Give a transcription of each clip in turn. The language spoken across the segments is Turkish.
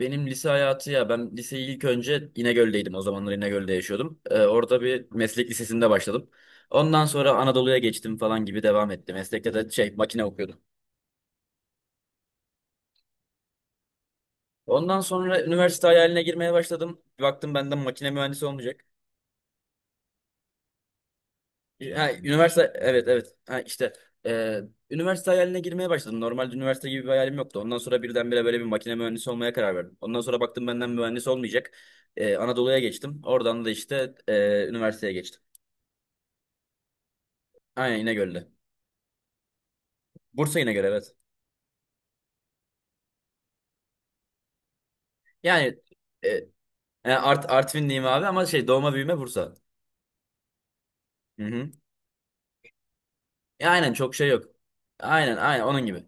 Benim lise hayatı ya ben liseyi ilk önce İnegöl'deydim, o zamanlar İnegöl'de yaşıyordum. Orada bir meslek lisesinde başladım. Ondan sonra Anadolu'ya geçtim falan gibi devam etti. Meslekte de şey, makine okuyordum. Ondan sonra üniversite hayaline girmeye başladım. Bir baktım benden makine mühendisi olmayacak. Ha, üniversite, evet evet, ha, işte e, üniversite hayaline girmeye başladım. Normalde üniversite gibi bir hayalim yoktu. Ondan sonra birdenbire böyle bir makine mühendisi olmaya karar verdim. Ondan sonra baktım benden mühendis olmayacak. Anadolu'ya geçtim. Oradan da işte üniversiteye geçtim. Aynen, İnegöl'de. Bursa yine göre, evet. Yani e, Artvinliyim abi ama şey, doğma büyüme Bursa. Hı hı. Aynen, çok şey yok. Aynen aynen, onun gibi.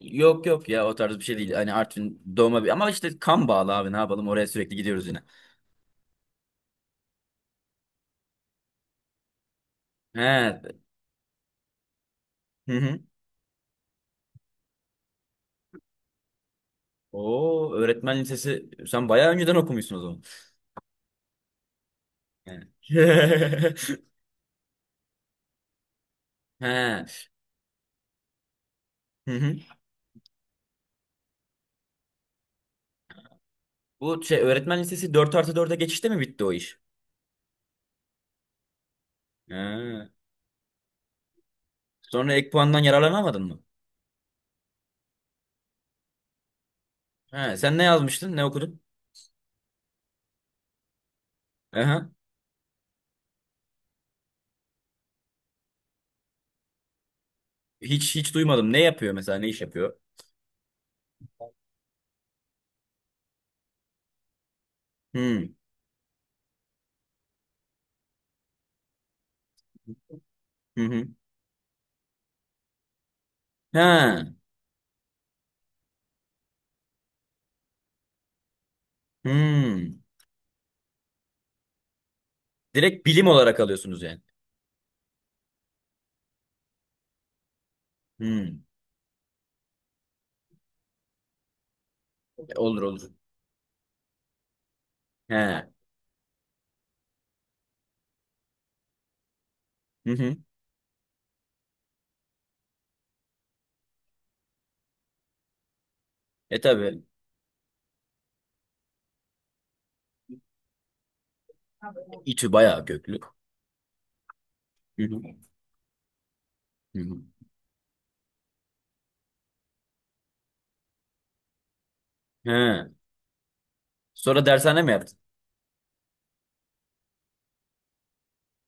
Yok yok, ya, o tarz bir şey değil. Hani Artvin doğma büyüme ama işte kan bağlı abi, ne yapalım, oraya sürekli gidiyoruz yine. He. Hı hı. Oo, öğretmen lisesi, sen bayağı önceden okumuşsun o zaman. He. He. Hı hı. Bu şey öğretmen lisesi dört artı 4'e geçişte mi bitti o iş? He. Sonra ek puandan yararlanamadın mı? He. Sen ne yazmıştın? Ne okudun? Aha. Hiç hiç duymadım. Ne yapıyor mesela? Ne iş yapıyor? Hmm. Hı hı. Ha. Hmm. Direkt bilim olarak alıyorsunuz yani. Hmm. Olur olur. He. Hı hı. Tabii. İTÜ bayağı köklü. Hı hı. Hı hı. He. Sonra dershane mi yaptın?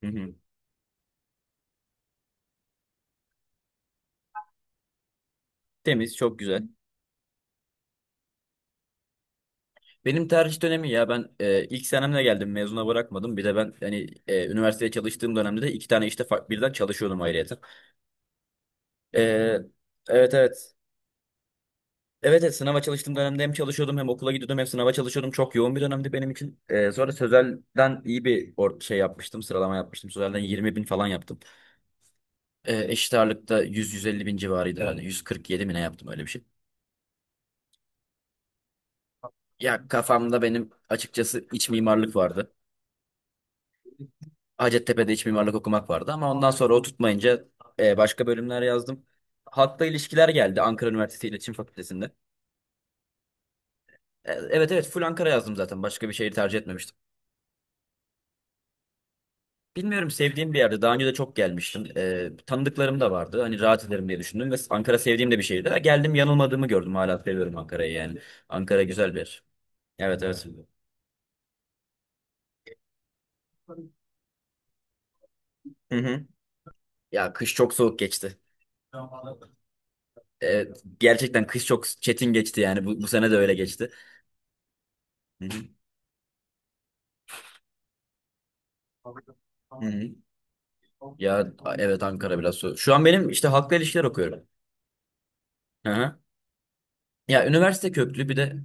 Hı hı. Temiz, çok güzel. Benim tercih dönemi, ya ben ilk senemle geldim, mezuna bırakmadım. Bir de ben hani üniversiteye çalıştığım dönemde de iki tane işte birden çalışıyordum ayrıyeten. E, evet evet. Evet, evet, sınava çalıştığım dönemde hem çalışıyordum, hem okula gidiyordum, hem sınava çalışıyordum. Çok yoğun bir dönemdi benim için. Sonra Sözel'den iyi bir şey yapmıştım. Sıralama yapmıştım. Sözel'den 20 bin falan yaptım. Eşit ağırlıkta 100-150 bin civarıydı herhalde. 147 mi ne yaptım, öyle bir şey. Ya kafamda benim açıkçası iç mimarlık vardı. Hacettepe'de iç mimarlık okumak vardı ama ondan sonra o tutmayınca başka bölümler yazdım. Halkla ilişkiler geldi, Ankara Üniversitesi İletişim Fakültesi'nde. Evet evet, full Ankara yazdım zaten. Başka bir şehir tercih etmemiştim. Bilmiyorum, sevdiğim bir yerde. Daha önce de çok gelmiştim. Tanıdıklarım da vardı. Hani rahat ederim diye düşündüm ve Ankara sevdiğim de bir şehirdi. Ha, geldim, yanılmadığımı gördüm. Hala seviyorum Ankara'yı yani. Ankara güzel bir yer. Evet evet. Hı hı. Ya, kış çok soğuk geçti. Ee, Gerçekten kış çok çetin geçti yani. Bu sene de öyle geçti. Hı hı. Hı hı. Ya, evet, Ankara biraz soğuk. Şu an benim işte halkla ilişkiler okuyorum. Hı hı. Ya, üniversite köklü, bir de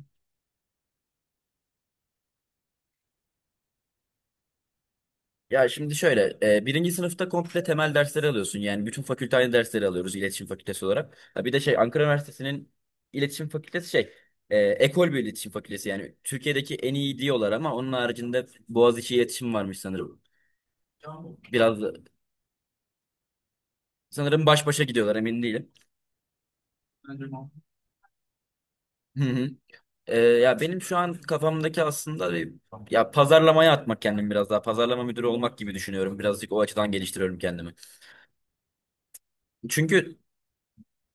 ya, şimdi şöyle, birinci sınıfta komple temel dersleri alıyorsun. Yani bütün fakülte aynı dersleri alıyoruz iletişim fakültesi olarak. Ha, bir de şey, Ankara Üniversitesi'nin iletişim fakültesi şey, ekol bir iletişim fakültesi. Yani Türkiye'deki en iyi diyorlar ama onun haricinde Boğaziçi iletişim varmış sanırım. Biraz sanırım baş başa gidiyorlar, emin değilim. Hı hı. Ya, benim şu an kafamdaki aslında bir, ya pazarlamaya atmak kendimi biraz daha. Pazarlama müdürü olmak gibi düşünüyorum. Birazcık o açıdan geliştiriyorum kendimi. Çünkü...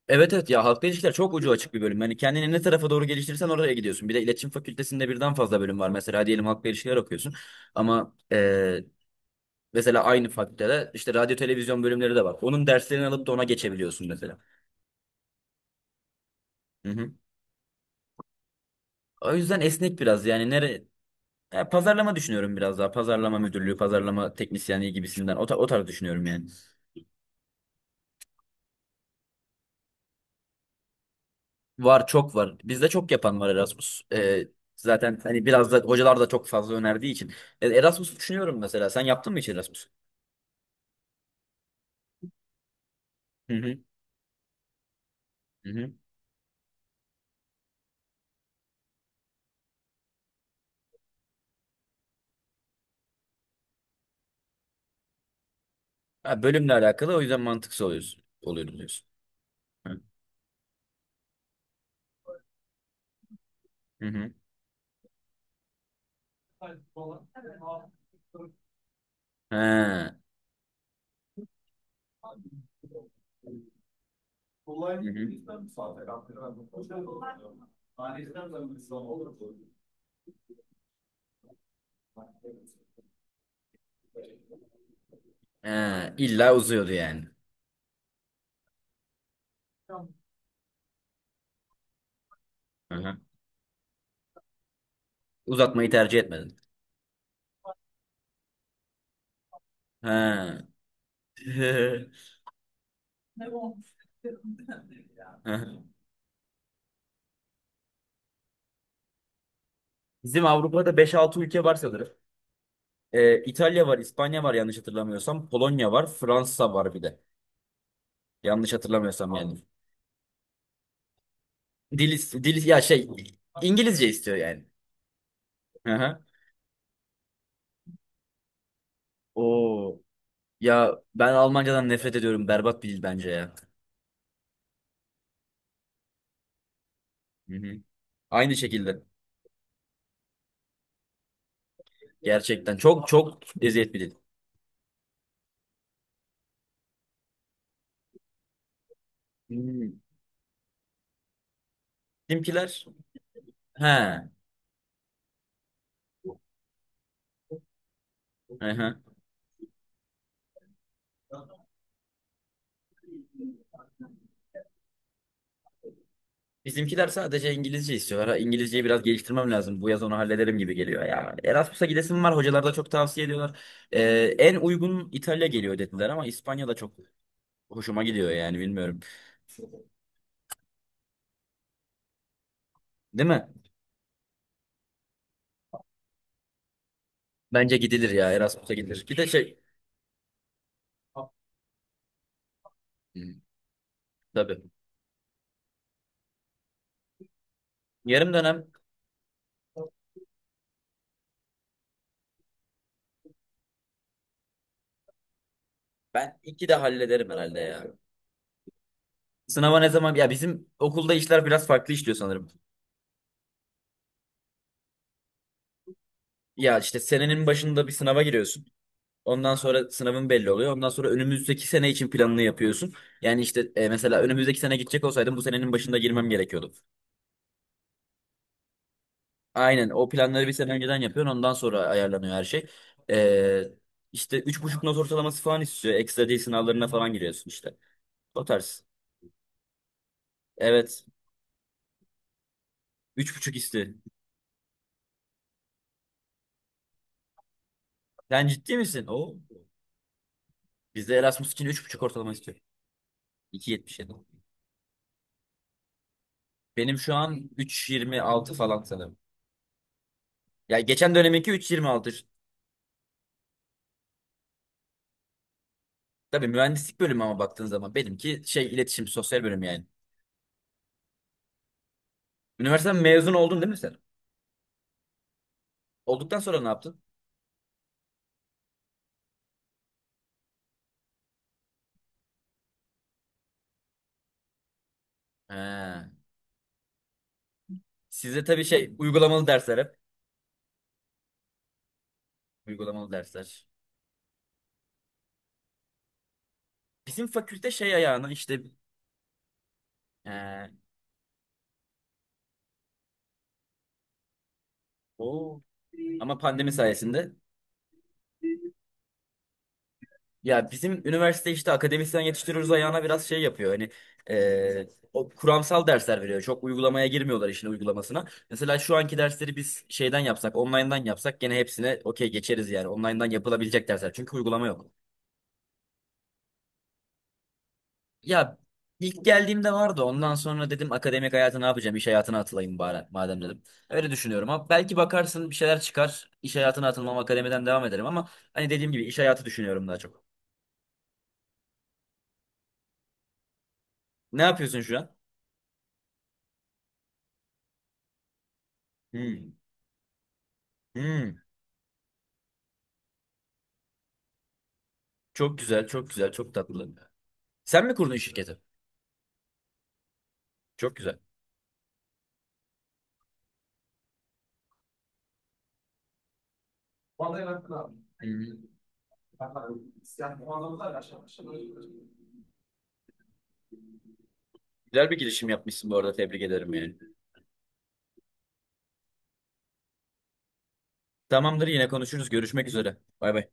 Evet evet, ya halkla ilişkiler çok ucu açık bir bölüm. Yani kendini ne tarafa doğru geliştirirsen oraya gidiyorsun. Bir de iletişim fakültesinde birden fazla bölüm var. Mesela diyelim halkla ilişkiler okuyorsun. Ama mesela aynı fakültede işte radyo televizyon bölümleri de var. Onun derslerini alıp da ona geçebiliyorsun mesela. Hı hı. O yüzden esnek biraz, yani nere... Ya pazarlama düşünüyorum biraz daha. Pazarlama müdürlüğü, pazarlama teknisyenliği gibisinden o tarz düşünüyorum yani. Var, çok var. Bizde çok yapan var Erasmus. Zaten hani biraz da hocalar da çok fazla önerdiği için. Erasmus düşünüyorum mesela. Sen yaptın mı hiç Erasmus? Hı hı. Hı hı. Ha, bölümle alakalı, o yüzden mantıksız oluyorsun. Oluyordu diyorsun. Hı hı. Hı. Ha. Hı hı. Ha, illa uzuyordu yani. Hı hı. Uzatmayı tercih etmedin. Ha. Hı. Bizim Avrupa'da beş altı ülke var sanırım. İtalya var, İspanya var, yanlış hatırlamıyorsam. Polonya var, Fransa var bir de. Yanlış hatırlamıyorsam yani. Dil, ya şey, İngilizce istiyor yani. Hı hı. Oo. Ya ben Almancadan nefret ediyorum. Berbat bir dil bence ya. Hı hı. Aynı şekilde. Gerçekten çok çok eziyet bir dil. Hmm. Bizimkiler, he. Hı hı. Bizimkiler sadece İngilizce istiyorlar. Ha, İngilizceyi biraz geliştirmem lazım. Bu yaz onu hallederim gibi geliyor ya. Erasmus'a gidesim var. Hocalar da çok tavsiye ediyorlar. En uygun İtalya geliyor dediler ama İspanya da çok hoşuma gidiyor yani, bilmiyorum. Değil mi? Bence gidilir ya, Erasmus'a gidilir. Bir de şey... Hı, tabii. Yarım dönem, ben iki de hallederim herhalde ya. Sınava ne zaman, ya bizim okulda işler biraz farklı işliyor sanırım. Ya işte senenin başında bir sınava giriyorsun. Ondan sonra sınavın belli oluyor. Ondan sonra önümüzdeki sene için planını yapıyorsun. Yani işte mesela önümüzdeki sene gidecek olsaydım bu senenin başında girmem gerekiyordu. Aynen, o planları bir sene önceden yapıyorsun. Ondan sonra ayarlanıyor her şey. E, işte 3,5 not ortalaması falan istiyor. Ekstra dil sınavlarına falan giriyorsun işte. O tarz. Evet. 3,5 istiyor. Sen ciddi misin? O, bizde Erasmus için 3,5 ortalama istiyor. 2,77. Benim şu an 3,26 falan sanırım. Ya, geçen döneminki 3,26. Tabii mühendislik bölümü ama baktığın zaman benimki şey, iletişim, sosyal bölüm yani. Üniversiteden mezun oldun değil mi sen? Olduktan sonra ne yaptın? He. Sizde tabii şey, uygulamalı dersler hep. Uygulamalı dersler. Bizim fakülte şey ayağına işte, e, o, ama pandemi sayesinde... Ya bizim üniversite işte akademisyen yetiştiriyoruz ayağına biraz şey yapıyor. Hani e, o kuramsal dersler veriyor. Çok uygulamaya girmiyorlar, işin uygulamasına. Mesela şu anki dersleri biz şeyden yapsak, online'dan yapsak gene hepsine okey geçeriz yani. Online'dan yapılabilecek dersler. Çünkü uygulama yok. Ya ilk geldiğimde vardı. Ondan sonra dedim, akademik hayata ne yapacağım? İş hayatına atılayım bari madem dedim. Öyle düşünüyorum ama belki bakarsın bir şeyler çıkar. İş hayatına atılmam, akademiden devam ederim ama hani dediğim gibi iş hayatı düşünüyorum daha çok. Ne yapıyorsun şu an? Hmm. Hmm. Çok güzel, çok güzel, çok tatlı. Sen mi kurdun şirketi? Çok güzel. Hı. Güzel bir girişim yapmışsın bu arada. Tebrik ederim yani. Tamamdır, yine konuşuruz. Görüşmek üzere. Bay bay.